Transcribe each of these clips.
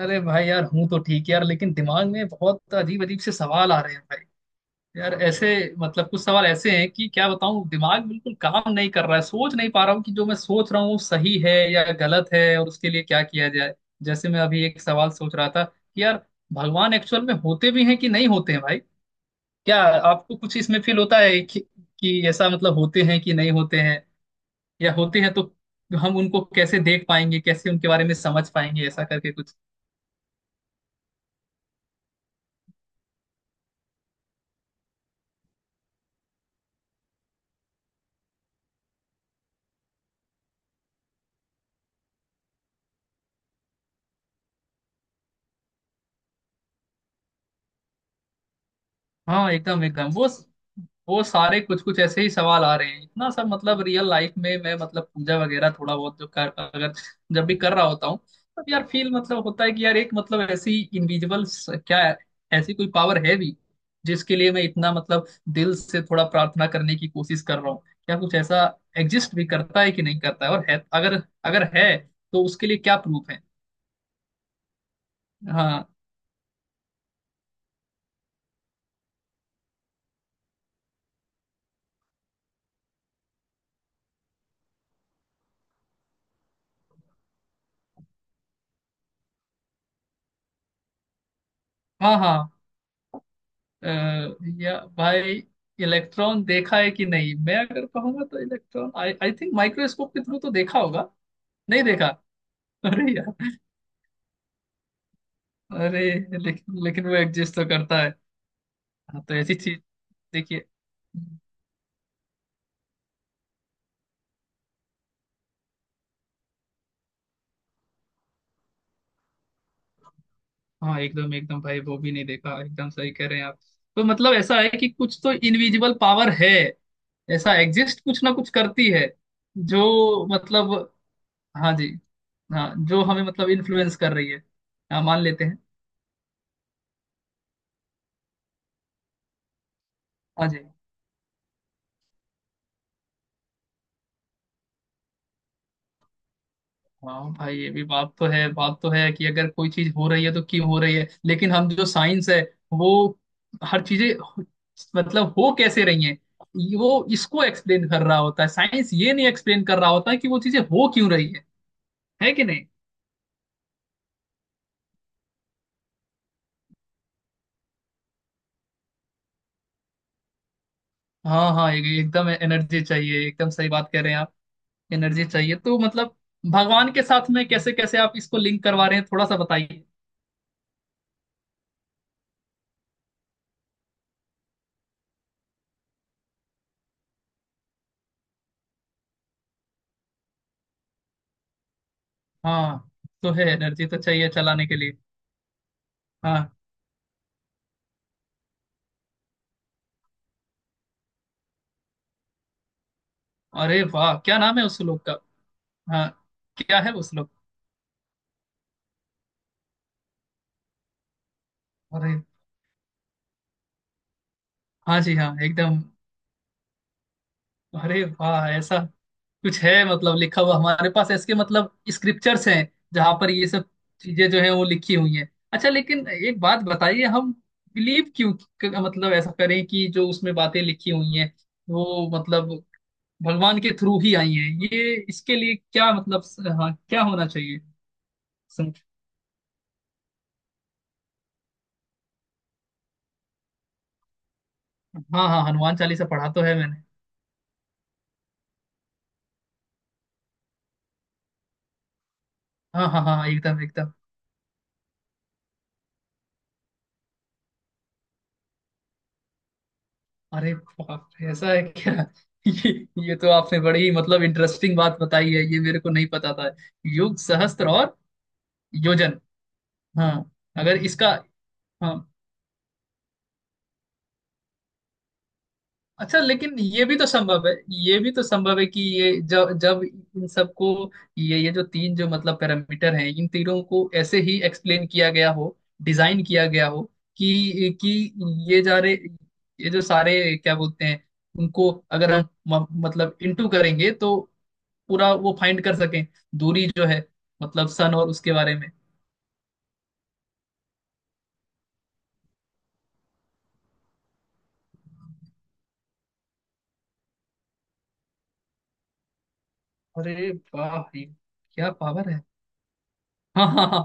अरे भाई, यार हूँ तो ठीक यार, लेकिन दिमाग में बहुत अजीब अजीब से सवाल आ रहे हैं भाई। यार ऐसे, मतलब कुछ सवाल ऐसे हैं कि क्या बताऊँ, दिमाग बिल्कुल काम नहीं कर रहा है, सोच नहीं पा रहा हूँ कि जो मैं सोच रहा हूँ वो सही है या गलत है, और उसके लिए क्या किया जाए। जैसे मैं अभी एक सवाल सोच रहा था कि यार, भगवान एक्चुअल में होते भी हैं कि नहीं होते हैं भाई? क्या आपको कुछ इसमें फील होता है कि ऐसा मतलब होते हैं कि नहीं होते हैं? या होते हैं तो हम उनको कैसे देख पाएंगे, कैसे उनके बारे में समझ पाएंगे, ऐसा करके कुछ। हाँ, एकदम एकदम वो सारे कुछ कुछ ऐसे ही सवाल आ रहे हैं। इतना सब, मतलब रियल लाइफ में मैं मतलब पूजा वगैरह थोड़ा बहुत जो कर अगर जब भी कर रहा होता हूँ, तब यार फील मतलब होता है कि यार एक, मतलब ऐसी इंडिविजुअल क्या है, ऐसी कोई पावर है भी जिसके लिए मैं इतना मतलब दिल से थोड़ा प्रार्थना करने की कोशिश कर रहा हूँ? क्या कुछ ऐसा एग्जिस्ट भी करता है कि नहीं करता है, और है अगर अगर है तो उसके लिए क्या प्रूफ है? हाँ, हाँ, हाँ, अ, या भाई, इलेक्ट्रॉन देखा है कि नहीं मैं अगर कहूंगा तो electron I I think microscope के थ्रू तो देखा होगा। नहीं देखा, अरे यार! अरे, लेकिन लेकिन वो एग्जिस्ट तो करता है। हाँ, तो ऐसी चीज, देखिए। हाँ, एकदम एकदम भाई, वो भी नहीं देखा, एकदम सही कह रहे हैं आप। तो मतलब ऐसा है कि कुछ तो इनविजिबल पावर है, ऐसा एग्जिस्ट कुछ ना कुछ करती है, जो मतलब, हाँ जी, हाँ, जो हमें मतलब इन्फ्लुएंस कर रही है, हाँ मान लेते हैं। हाँ जी। हाँ भाई, ये भी बात तो है, बात तो है कि अगर कोई चीज हो रही है तो क्यों हो रही है, लेकिन हम जो साइंस है, वो हर चीजें मतलब हो कैसे रही हैं, वो इसको एक्सप्लेन कर रहा होता है, साइंस ये नहीं एक्सप्लेन कर रहा होता है कि वो चीजें हो क्यों रही है कि नहीं। हाँ, हाँ, एकदम एनर्जी चाहिए, एकदम सही बात कह रहे हैं आप। एनर्जी चाहिए तो मतलब, भगवान के साथ में कैसे कैसे आप इसको लिंक करवा रहे हैं, थोड़ा सा बताइए। हाँ, तो है, एनर्जी तो चाहिए चलाने के लिए। हाँ अरे वाह! क्या नाम है उस लोग का? हाँ, क्या है वो श्लोक? अरे, हाँ जी, हाँ एकदम। अरे वाह! ऐसा कुछ है मतलब लिखा हुआ हमारे पास, इसके मतलब स्क्रिप्चर्स हैं जहां पर ये सब चीजें जो हैं वो लिखी हुई हैं। अच्छा, लेकिन एक बात बताइए, हम बिलीव क्यों, मतलब ऐसा करें कि जो उसमें बातें लिखी हुई हैं, वो मतलब भगवान के थ्रू ही आई हैं, ये इसके लिए क्या मतलब? हाँ, क्या होना चाहिए। सं- हाँ, हाँ, हनुमान चालीसा पढ़ा तो है मैंने। हाँ, हाँ, हाँ, हाँ, एकदम एकदम। अरे बाप रे! ऐसा है क्या? ये ये तो आपने बड़ी मतलब इंटरेस्टिंग बात बताई है, ये मेरे को नहीं पता था। युग सहस्त्र और योजन। हाँ, अगर इसका, हाँ। अच्छा, लेकिन ये भी तो संभव है, ये भी तो संभव है कि ये जब जब इन सबको, ये जो तीन जो मतलब पैरामीटर हैं, इन तीनों को ऐसे ही एक्सप्लेन किया गया हो, डिजाइन किया गया हो, कि ये जा रहे, ये जो सारे क्या बोलते हैं, उनको अगर हम मतलब इंटू करेंगे तो पूरा वो फाइंड कर सकें, दूरी जो है मतलब सन और उसके बारे में। अरे वाह! ये क्या पावर है! हाँ, हाँ, हाँ,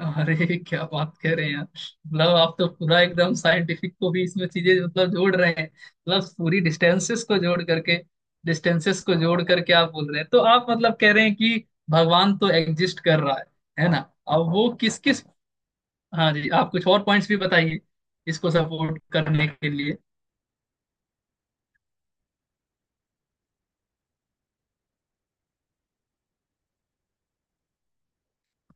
अरे क्या बात कह रहे हैं यार, मतलब आप तो पूरा एकदम साइंटिफिक को भी इसमें चीजें मतलब जोड़ रहे हैं, मतलब पूरी डिस्टेंसेस को जोड़ करके, डिस्टेंसेस को जोड़ करके आप बोल रहे हैं, तो आप मतलब कह रहे हैं कि भगवान तो एग्जिस्ट कर रहा है ना? अब वो किस किस, हाँ जी, आप कुछ और पॉइंट्स भी बताइए इसको सपोर्ट करने के लिए।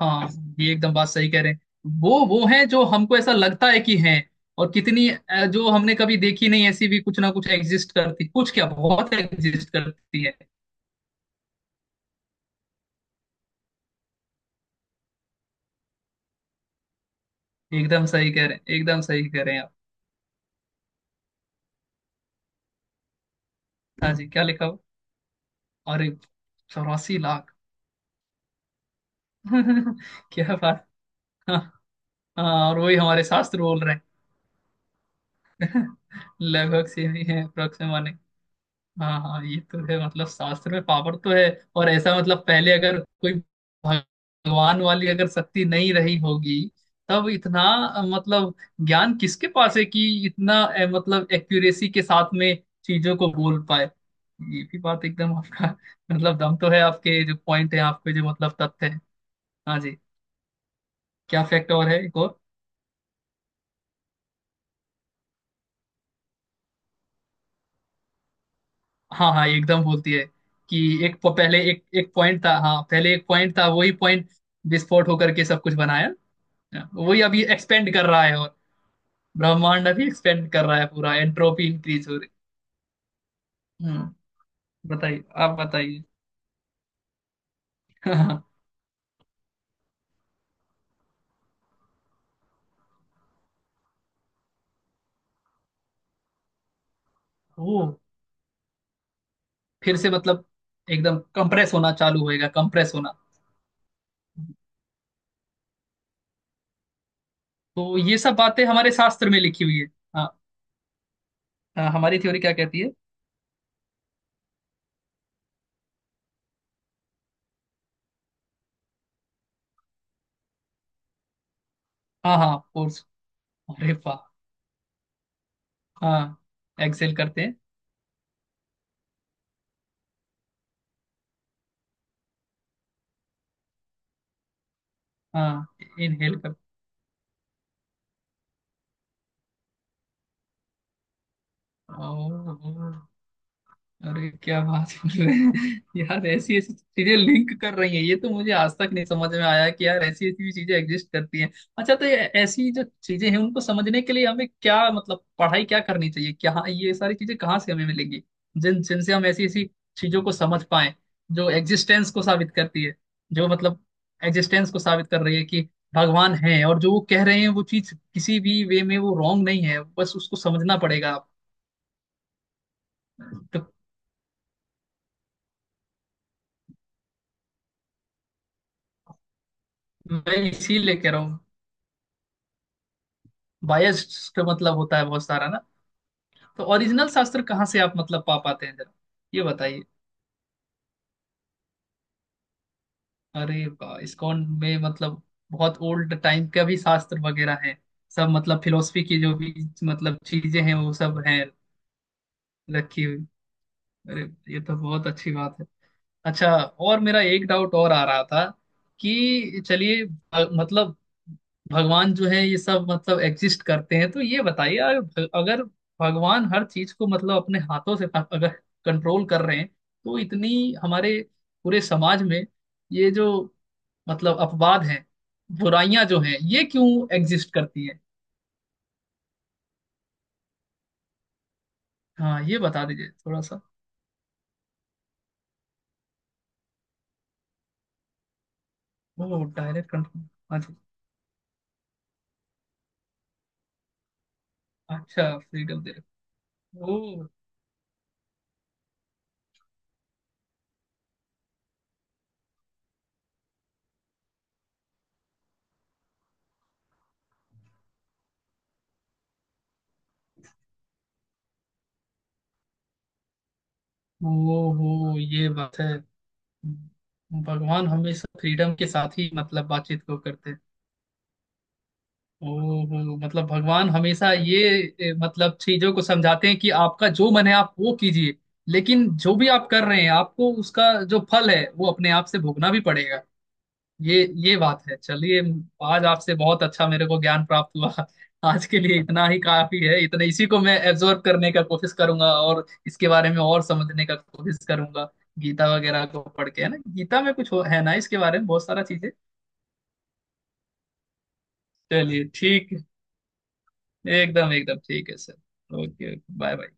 हाँ, ये एकदम बात सही कह रहे हैं। वो हैं जो हमको ऐसा लगता है कि हैं, और कितनी जो हमने कभी देखी नहीं ऐसी भी कुछ ना कुछ एग्जिस्ट करती, कुछ क्या, बहुत एग्जिस्ट करती है। एकदम सही कह रहे हैं, एकदम सही कह रहे हैं आप। हाँ जी, क्या लिखा हो? अरे, 84 लाख! क्या बात! हाँ, हाँ, और वही हमारे शास्त्र बोल रहे हैं। लगभग सेम ही है अप्रोक्स माने। हाँ, हाँ, ये तो है, मतलब शास्त्र में पावर तो है। और ऐसा मतलब पहले अगर कोई भगवान वाली अगर शक्ति नहीं रही होगी, तब इतना मतलब ज्ञान किसके पास है कि इतना मतलब एक्यूरेसी के साथ में चीजों को बोल पाए, ये भी बात एकदम आपका, मतलब दम तो है आपके जो पॉइंट है, आपके जो मतलब तथ्य है। हाँ जी, क्या फैक्ट और है, एक और? हाँ, हाँ, ये एकदम बोलती है कि पहले एक एक पॉइंट था, हाँ पहले एक पॉइंट था, वही पॉइंट विस्फोट होकर के सब कुछ बनाया। हाँ, वही अभी एक्सपेंड कर रहा है, और ब्रह्मांड अभी एक्सपेंड कर रहा है पूरा, एंट्रोपी इंक्रीज हो रही। हम्म, बताइए, आप बताइए। ओ, फिर से मतलब एकदम कंप्रेस होना चालू होएगा, कंप्रेस होना। तो ये सब बातें हमारे शास्त्र में लिखी हुई है? हाँ, हाँ, हमारी थ्योरी क्या कहती है? हाँ, हाँ, फोर्स। अरे वाह! हाँ, एक्सेल करते हैं। हाँ, इनहेल करते। ओह, ओह। अरे क्या बात कर रहे हैं यार, ऐसी ऐसी चीजें लिंक कर रही हैं, ये तो मुझे आज तक नहीं समझ में आया कि यार ऐसी ऐसी भी चीजें एग्जिस्ट करती हैं। अच्छा, तो ये, ऐसी जो चीजें हैं उनको समझने के लिए हमें क्या मतलब पढ़ाई क्या करनी चाहिए, क्या ये सारी चीजें कहाँ से हमें मिलेंगी, जिन जिनसे हम ऐसी ऐसी चीजों को समझ पाए, जो एग्जिस्टेंस को साबित करती है, जो मतलब एग्जिस्टेंस को साबित कर रही है कि भगवान है, और जो वो कह रहे हैं वो चीज किसी भी वे में वो रॉन्ग नहीं है, बस उसको समझना पड़ेगा आप। तो मैं इसीलिए कह रहा हूँ, बायस्ड का मतलब होता है बहुत सारा ना। तो ओरिजिनल शास्त्र कहाँ से आप मतलब पा पाते हैं जरा, ये बताइए? अरे इस्कॉन में मतलब बहुत ओल्ड टाइम का भी शास्त्र वगैरह है, सब मतलब फिलोसफी की जो भी मतलब चीजें हैं वो सब हैं रखी हुई। अरे, ये तो बहुत अच्छी बात है। अच्छा, और मेरा एक डाउट और आ रहा था कि चलिए, मतलब भगवान जो है ये सब मतलब एग्जिस्ट करते हैं, तो ये बताइए अगर अगर भगवान हर चीज को मतलब अपने हाथों से, अगर कंट्रोल कर रहे हैं, तो इतनी हमारे पूरे समाज में ये जो मतलब अपवाद हैं, बुराइयां जो हैं, ये क्यों एग्जिस्ट करती हैं? हाँ, ये बता दीजिए थोड़ा सा। ओ, डायरेक्ट कंट्रोल। अच्छा, अच्छा, फ्रीडम दे। ओ, ओ, हो, ये बात है। भगवान हमेशा फ्रीडम के साथ ही मतलब बातचीत को करते हैं। ओहो, मतलब भगवान हमेशा ये मतलब चीजों को समझाते हैं कि आपका जो मन है आप वो कीजिए, लेकिन जो भी आप कर रहे हैं आपको उसका जो फल है वो अपने आप से भोगना भी पड़ेगा। ये ये बात है, चलिए। आज आपसे बहुत अच्छा मेरे को ज्ञान प्राप्त हुआ। आज के लिए इतना ही काफी है, इतने इसी को मैं एब्जॉर्ब करने का कोशिश करूंगा, और इसके बारे में और समझने का कोशिश करूंगा। गीता वगैरह को पढ़ के, है ना, गीता में कुछ हो, है ना, इसके बारे में बहुत सारा चीजें। चलिए ठीक है, एकदम एकदम ठीक है सर। Okay, bye bye.